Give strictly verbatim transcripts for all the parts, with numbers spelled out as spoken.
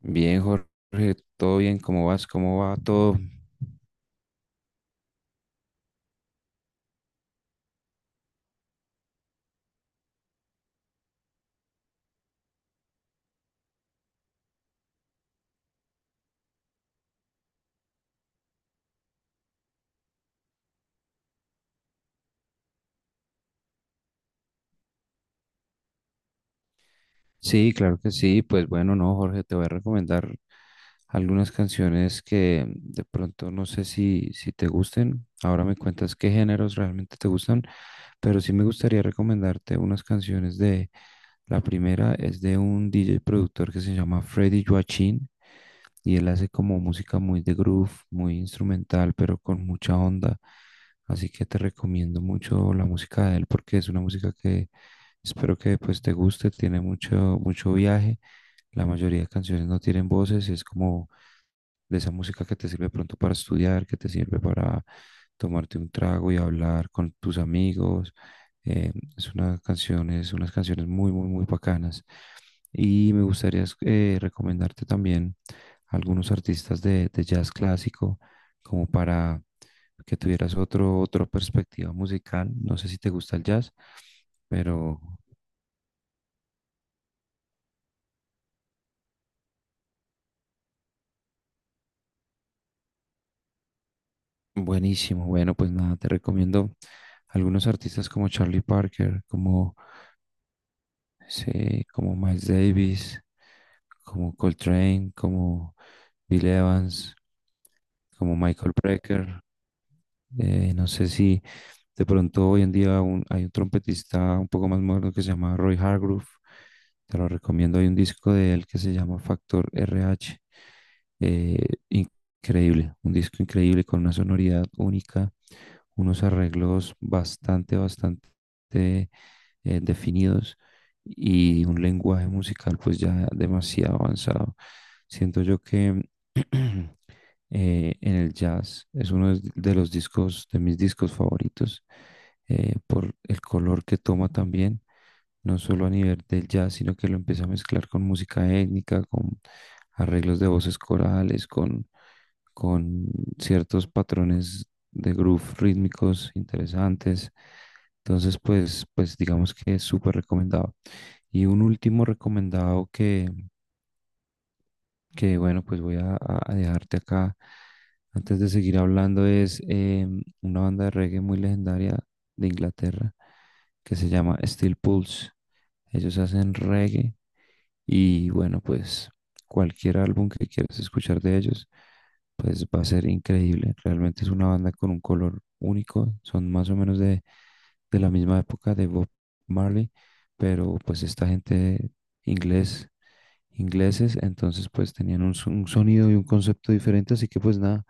Bien, Jorge, todo bien, ¿cómo vas? ¿Cómo va todo? Sí, claro que sí. Pues bueno, no, Jorge, te voy a recomendar algunas canciones que de pronto no sé si, si te gusten. Ahora me cuentas qué géneros realmente te gustan, pero sí me gustaría recomendarte unas canciones de. La primera es de un D J productor que se llama Freddy Joachim y él hace como música muy de groove, muy instrumental, pero con mucha onda. Así que te recomiendo mucho la música de él porque es una música que espero que pues te guste, tiene mucho, mucho viaje. La mayoría de canciones no tienen voces, es como de esa música que te sirve pronto para estudiar, que te sirve para tomarte un trago y hablar con tus amigos. Eh, es una canción, es unas canciones muy, muy, muy bacanas. Y me gustaría eh, recomendarte también algunos artistas de, de jazz clásico, como para que tuvieras otro, otra perspectiva musical. No sé si te gusta el jazz, pero buenísimo, bueno, pues nada, te recomiendo algunos artistas como Charlie Parker, como, sí, como Miles Davis, como Coltrane, como Bill Evans, como Michael Brecker. Eh, no sé si de pronto hoy en día un- hay un trompetista un poco más moderno que se llama Roy Hargrove. Te lo recomiendo. Hay un disco de él que se llama Factor R H. Eh, increíble, un disco increíble con una sonoridad única, unos arreglos bastante, bastante eh, definidos y un lenguaje musical pues ya demasiado avanzado. Siento yo que eh, en el jazz. Es uno de los discos, de mis discos favoritos, eh, por el color que toma también, no solo a nivel del jazz, sino que lo empieza a mezclar con música étnica, con arreglos de voces corales, con, con ciertos patrones de groove rítmicos interesantes. Entonces, pues, pues digamos que es súper recomendado. Y un último recomendado que, que bueno, pues voy a, a- dejarte acá. Antes de seguir hablando, es eh, una banda de reggae muy legendaria de Inglaterra que se llama Steel Pulse. Ellos hacen reggae y bueno, pues cualquier álbum que quieras escuchar de ellos, pues va a ser increíble. Realmente es una banda con un color único. Son más o menos de, de la misma época de Bob Marley, pero pues esta gente inglés ingleses, entonces pues tenían un, so- un sonido y un concepto diferente, así que pues nada,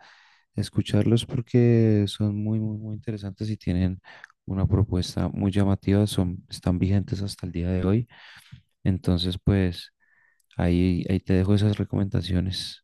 escucharlos porque son muy, muy, muy interesantes y tienen una propuesta muy llamativa, son, están vigentes hasta el día de hoy, entonces pues ahí, ahí te dejo esas recomendaciones.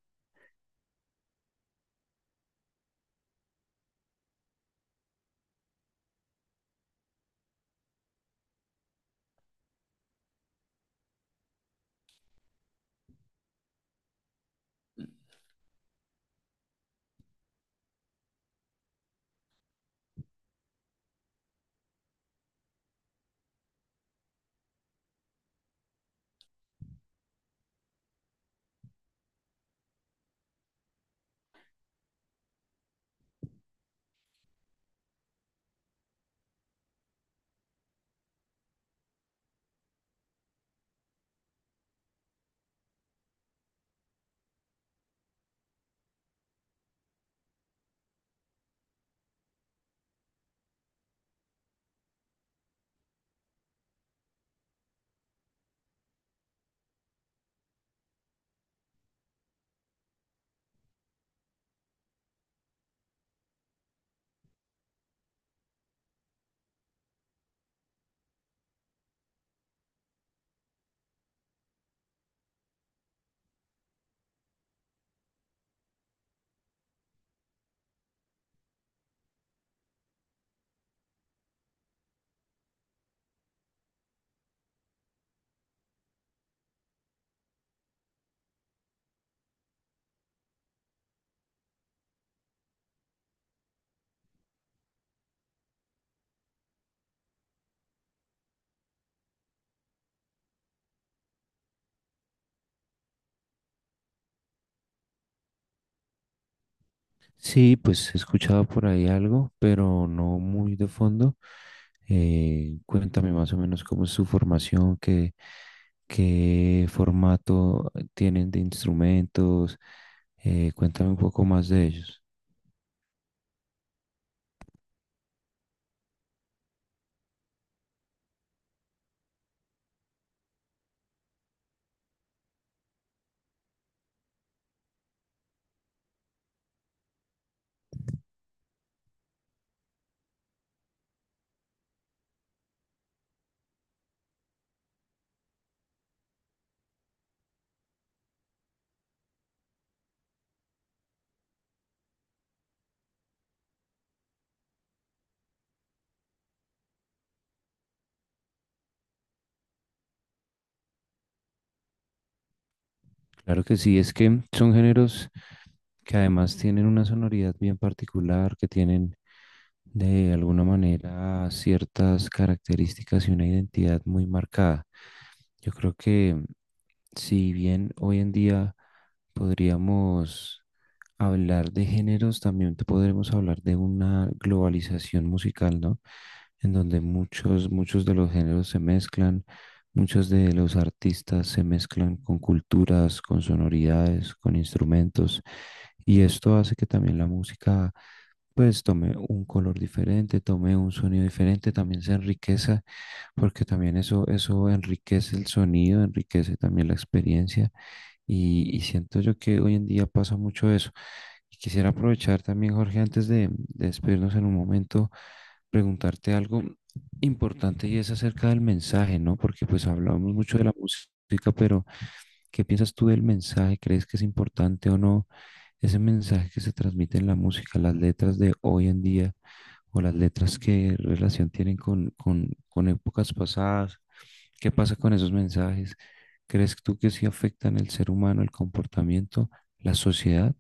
Sí, pues he escuchado por ahí algo, pero no muy de fondo. Eh, cuéntame más o menos cómo es su formación, qué, qué formato tienen de instrumentos. Eh, cuéntame un poco más de ellos. Claro que sí, es que son géneros que además tienen una sonoridad bien particular, que tienen de alguna manera ciertas características y una identidad muy marcada. Yo creo que si bien hoy en día podríamos hablar de géneros, también te podremos hablar de una globalización musical, ¿no? En donde muchos, muchos de los géneros se mezclan, muchos de los artistas se mezclan con culturas, con sonoridades, con instrumentos, y esto hace que también la música, pues, tome un color diferente, tome un sonido diferente, también se enriqueza, porque también eso, eso enriquece el sonido, enriquece también la experiencia. Y, y siento yo que hoy en día pasa mucho eso. Y quisiera aprovechar también, Jorge, antes de, de despedirnos en un momento, preguntarte algo importante y es acerca del mensaje, ¿no? Porque pues hablamos mucho de la música, pero ¿qué piensas tú del mensaje? ¿Crees que es importante o no ese mensaje que se transmite en la música, las letras de hoy en día? O las letras qué relación tienen con, con, con épocas pasadas, qué pasa con esos mensajes. ¿Crees tú que sí afectan el ser humano, el comportamiento, la sociedad?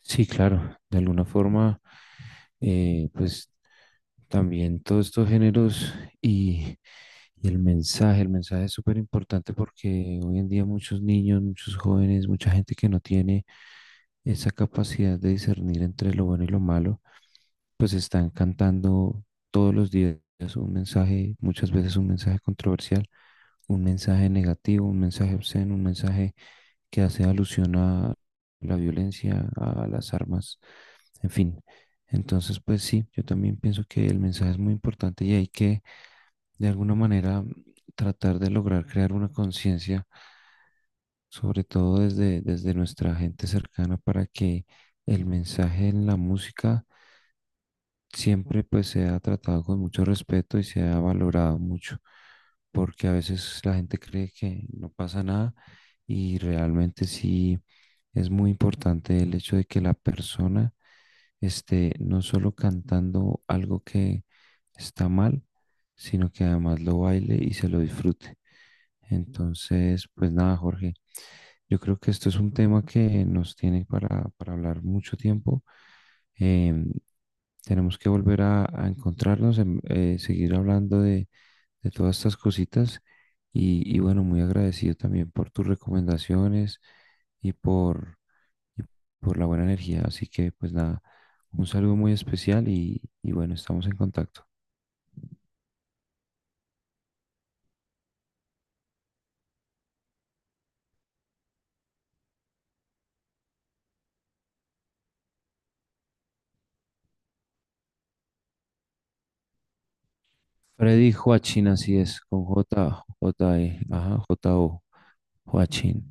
Sí, claro, de alguna forma, eh, pues también todos estos géneros y, y el mensaje, el mensaje es súper importante porque hoy en día muchos niños, muchos jóvenes, mucha gente que no tiene esa capacidad de discernir entre lo bueno y lo malo, pues están cantando todos los días un mensaje, muchas veces un mensaje controversial, un mensaje negativo, un mensaje obsceno, un mensaje que hace alusión a la violencia, a las armas, en fin. Entonces, pues sí, yo también pienso que el mensaje es muy importante y hay que, de alguna manera, tratar de lograr crear una conciencia, sobre todo desde, desde nuestra gente cercana, para que el mensaje en la música siempre pues se ha tratado con mucho respeto y se ha valorado mucho, porque a veces la gente cree que no pasa nada y realmente sí es muy importante el hecho de que la persona esté no solo cantando algo que está mal, sino que además lo baile y se lo disfrute. Entonces, pues nada, Jorge, yo creo que esto es un tema que nos tiene para, para hablar mucho tiempo. Em, tenemos que volver a, a encontrarnos, em, eh, seguir hablando de, de todas estas cositas. Y, y bueno, muy agradecido también por tus recomendaciones y por, y por la buena energía. Así que pues nada, un saludo muy especial y, y bueno, estamos en contacto. Freddy Joachim, así es, con J, J, E, ajá, J, O, Joachim.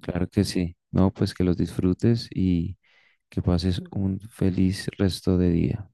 Claro que sí. No, pues que los disfrutes y que pases un feliz resto de día.